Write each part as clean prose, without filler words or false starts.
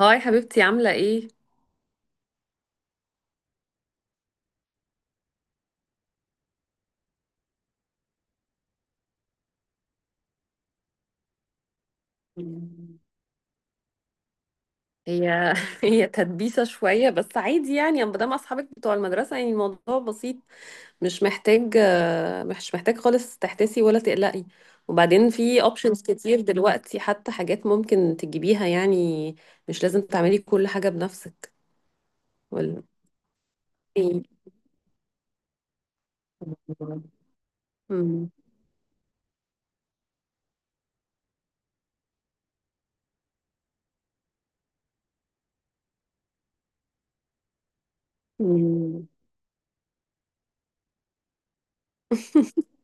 هاي حبيبتي، عاملة ايه؟ هي هي تدبيسة شوية بس عادي يعني، ما دام اصحابك بتوع المدرسة يعني الموضوع بسيط. مش محتاج، مش محتاج خالص تحتسي ولا تقلقي. وبعدين في اوبشنز كتير دلوقتي، حتى حاجات ممكن تجيبيها يعني. مش لازم تعملي كل حاجة بنفسك. ولا ايه؟ مم. مم.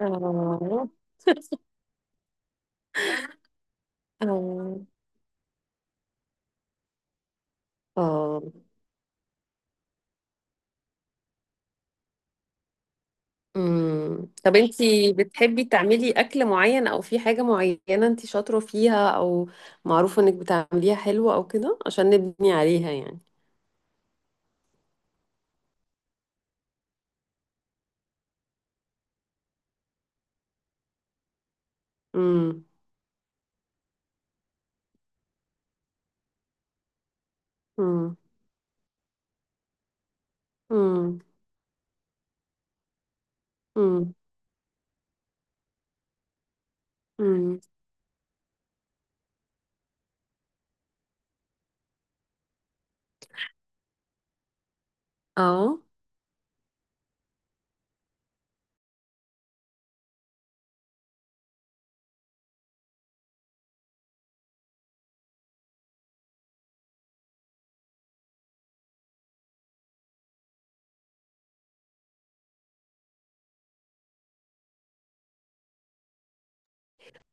آه. آه. آه. طب انتي بتحبي تعملي اكل معين، او في حاجة معينة انتي شاطرة فيها او معروفة انك بتعمليها حلوة او كده، عشان نبني عليها يعني. امم. امم. امم. امم. امم. اه،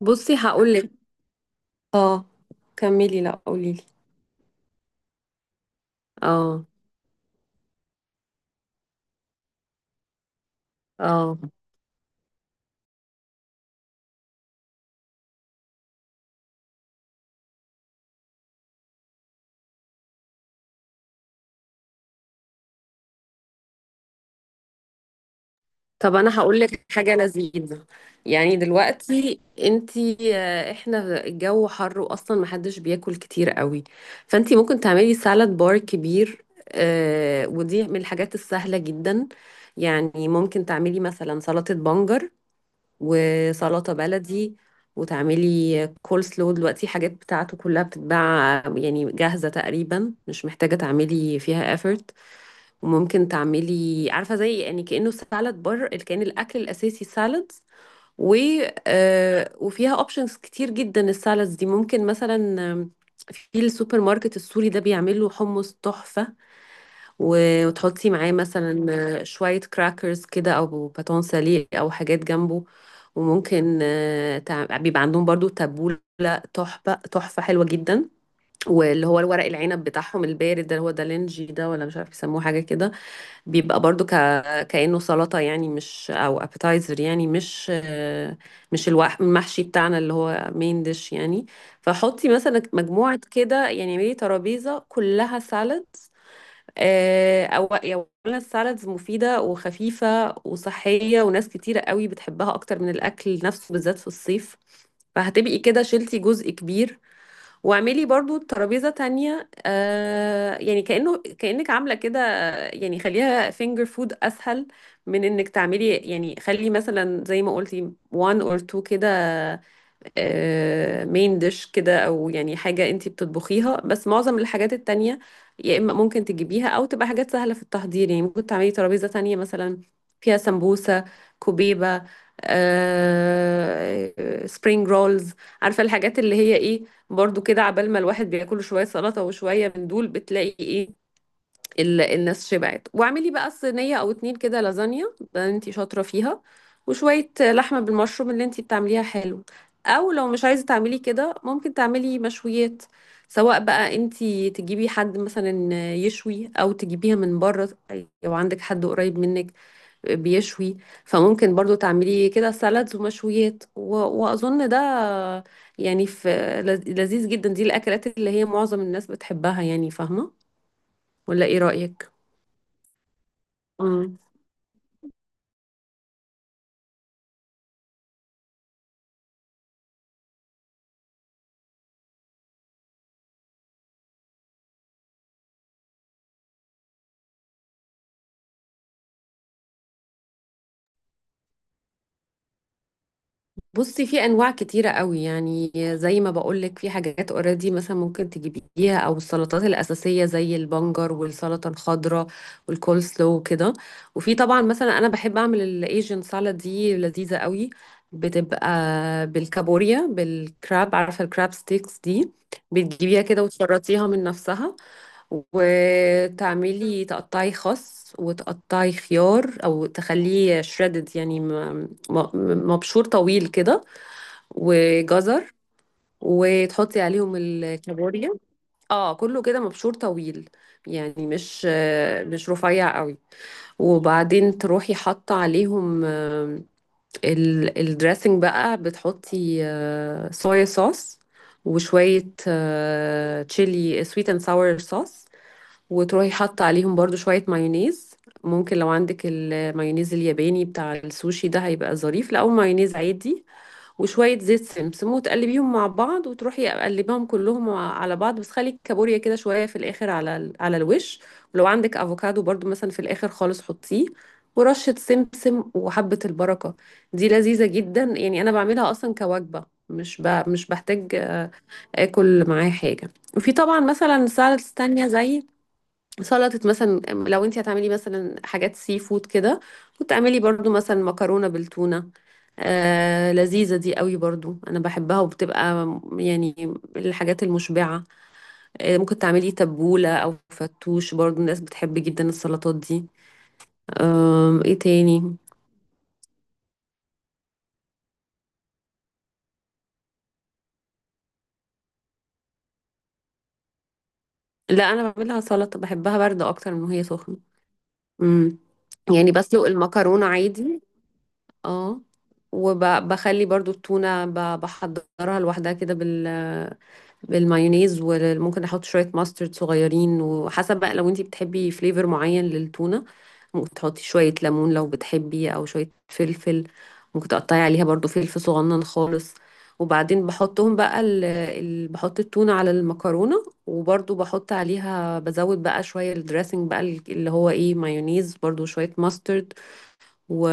بصي هقولك. اه، كملي، لا قوليلي. اه. اه، طب انا هقول لك حاجه لذيذه. يعني دلوقتي انتي، احنا الجو حر واصلا محدش بياكل كتير قوي، فانتي ممكن تعملي سالاد بار كبير. ودي من الحاجات السهله جدا. يعني ممكن تعملي مثلا سلطه بنجر وسلطه بلدي، وتعملي كول سلو. دلوقتي حاجات بتاعته كلها بتتباع يعني جاهزه تقريبا، مش محتاجه تعملي فيها effort. وممكن تعملي، عارفه زي يعني كانه سالاد بار، اللي كان الاكل الاساسي سالادز. و وفيها اوبشنز كتير جدا السالادز دي. ممكن مثلا، آم، في السوبر ماركت السوري ده بيعمل له حمص تحفه. وتحطي معاه مثلا شويه كراكرز كده، او باتون ساليه، او حاجات جنبه. وممكن بيبقى عندهم برضو تبوله، تحفه تحفه حلوه جدا. واللي هو الورق العنب بتاعهم البارد ده، اللي هو دالنجي ده، ولا مش عارف يسموه حاجه كده. بيبقى برضو كأنه سلطة يعني، مش أو appetizer، يعني مش المحشي بتاعنا اللي هو main dish يعني. فحطي مثلا مجموعة كده، يعني اعملي ترابيزة كلها سالد. أو يعني أولا السالدز مفيدة وخفيفة وصحية، وناس كتيرة قوي بتحبها أكتر من الأكل نفسه، بالذات في الصيف. فهتبقي كده شلتي جزء كبير. واعملي برضو ترابيزة تانية، آه يعني كأنه كأنك عاملة كده، آه يعني خليها finger food، أسهل من إنك تعملي. يعني خلي مثلا زي ما قلتي one or two كده، مين ديش كده، او يعني حاجة انتي بتطبخيها، بس معظم الحاجات التانية يا اما ممكن تجيبيها، او تبقى حاجات سهلة في التحضير. يعني ممكن تعملي ترابيزة تانية مثلا فيها سمبوسة، كوبيبة، سبرينج رولز، عارفة الحاجات اللي هي ايه. برضو كده عبال ما الواحد بياكل شوية سلطة وشوية من دول، بتلاقي ايه، الناس شبعت. واعملي بقى صينية او اتنين كده لازانيا، ده انتي شاطرة فيها، وشوية لحمة بالمشروم اللي انتي بتعمليها حلو. او لو مش عايزة تعملي كده ممكن تعملي مشويات، سواء بقى انتي تجيبي حد مثلا يشوي، او تجيبيها من بره لو عندك حد قريب منك بيشوي. فممكن برضو تعملي كده سلطز ومشويات، واظن ده يعني في لذيذ جدا. دي الاكلات اللي هي معظم الناس بتحبها يعني، فاهمة؟ ولا ايه رأيك؟ مم. بصي، في انواع كتيره قوي يعني. زي ما بقولك في حاجات اوريدي مثلا ممكن تجيبيها، او السلطات الاساسيه زي البنجر والسلطه الخضراء والكول سلو وكده. وفي طبعا مثلا، انا بحب اعمل الايجن سالاد، دي لذيذه قوي. بتبقى بالكابوريا، بالكراب، عارفه الكراب ستيكس دي، بتجيبيها كده وتشرطيها من نفسها. وتعملي تقطعي خس، وتقطعي خيار او تخليه شريدد يعني مبشور طويل كده، وجزر، وتحطي عليهم الكابوريا. اه كله كده مبشور طويل، يعني مش مش رفيع قوي. وبعدين تروحي حاطه عليهم الدريسنج بقى، بتحطي صويا صوص، وشويه تشيلي سويت اند ساور صوص، وتروحي حاطة عليهم برضو شوية مايونيز. ممكن لو عندك المايونيز الياباني بتاع السوشي ده هيبقى ظريف، لا او مايونيز عادي. وشوية زيت سمسم، وتقلبيهم مع بعض. وتروحي قلبيهم كلهم على بعض، بس خلي الكابوريا كده شوية في الآخر على على الوش. ولو عندك افوكادو برضو مثلا في الآخر خالص حطيه، ورشة سمسم وحبة البركة. دي لذيذة جدا، يعني أنا بعملها أصلا كوجبة، مش مش بحتاج آكل معاه حاجة. وفي طبعا مثلا سلطة تانية زي، سلطة مثلا لو انت هتعملي مثلا حاجات سي فود كده. وتعملي برضو مثلا مكرونة بالتونة، آه لذيذة دي قوي برضو انا بحبها. وبتبقى يعني الحاجات المشبعة. آه ممكن تعملي تبولة او فتوش، برضو الناس بتحب جدا السلطات دي. آه، ايه تاني؟ لا، انا بعملها سلطة، بحبها باردة اكتر من هي سخنة. امم. يعني بسلق المكرونة عادي. اه، وبخلي برضو التونة بحضرها لوحدها كده بالمايونيز، وممكن احط شويه ماسترد صغيرين، وحسب بقى لو انتي بتحبي فليفر معين للتونه ممكن تحطي شويه ليمون لو بتحبي، او شويه فلفل. ممكن تقطعي عليها برضو فلفل صغنن خالص. وبعدين بحطهم بقى بحط التونه على المكرونه، وبرضو بحط عليها بزود بقى شويه الدريسنج بقى، اللي هو ايه، مايونيز برضو، شويه ماسترد، و...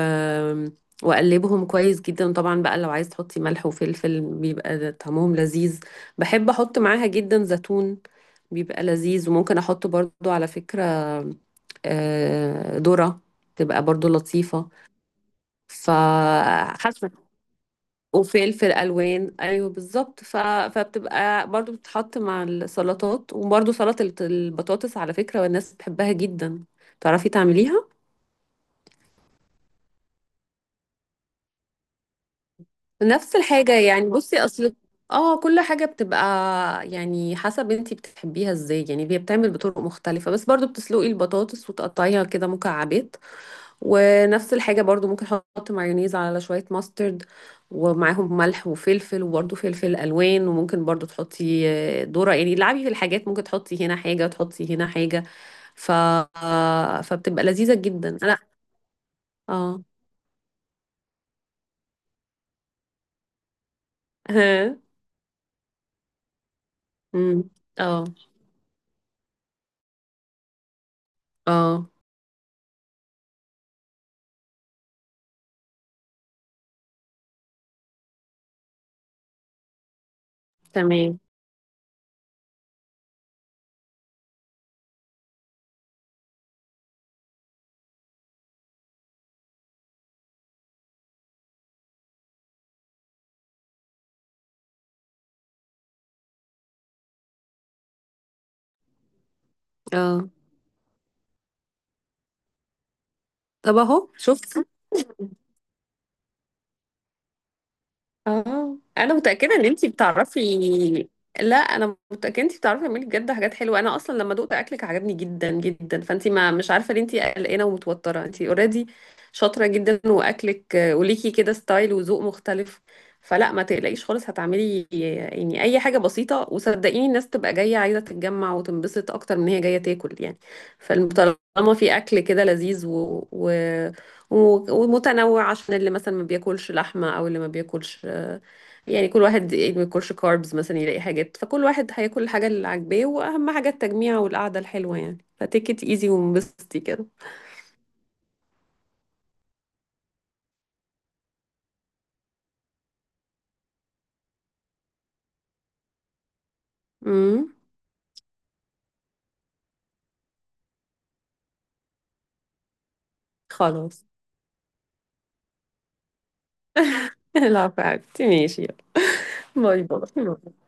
واقلبهم كويس جدا. طبعا بقى لو عايز تحطي ملح وفلفل بيبقى ده طعمهم لذيذ. بحب احط معاها جدا زيتون، بيبقى لذيذ. وممكن احط برضو على فكرة ذرة، تبقى برضو لطيفة. فحسب. وفلفل الوان ايوه بالظبط، فبتبقى برضو بتتحط مع السلطات. وبرضو سلطة البطاطس على فكرة، والناس بتحبها جدا، تعرفي تعمليها؟ نفس الحاجة يعني. بصي اصل اه كل حاجة بتبقى يعني حسب انتي بتحبيها ازاي، يعني هي بتعمل بطرق مختلفة، بس برضو بتسلقي البطاطس وتقطعيها كده مكعبات. ونفس الحاجة برضو ممكن احط مايونيز على شوية ماسترد، ومعاهم ملح وفلفل، وبرضو فلفل الوان. وممكن برضو تحطي ذرة، يعني لعبي في الحاجات، ممكن تحطي هنا حاجة وتحطي هنا حاجة. ف فبتبقى لذيذة جدا. لا، اه. ها. أمم. اه. اه، تمام. اه، طب اهو شفت؟ اه انا متاكده ان انتي بتعرفي. لا انا متاكده انتي بتعرفي تعملي بجد حاجات حلوه. انا اصلا لما دقت اكلك عجبني جدا جدا، فانتي ما مش عارفه ليه انتي قلقانه ومتوتره. انتي اوريدي شاطره جدا، واكلك وليكي كده ستايل وذوق مختلف. فلا ما تقلقيش خالص، هتعملي يعني اي حاجه بسيطه، وصدقيني الناس تبقى جايه عايزه تتجمع وتنبسط اكتر من هي جايه تاكل يعني. فطالما في اكل كده لذيذ ومتنوع، عشان اللي مثلا ما بياكلش لحمه، او اللي ما بياكلش يعني، كل واحد يعني ما ياكلش كاربز مثلا يلاقي حاجات. فكل واحد هياكل الحاجة اللي عاجباه، واهم حاجة التجميع والقعدة الحلوة يعني. فتيك ات ايزي وانبسطي كده. امم. خلاص. العفو يا حبيبتي، ماشي يلا. باي باي.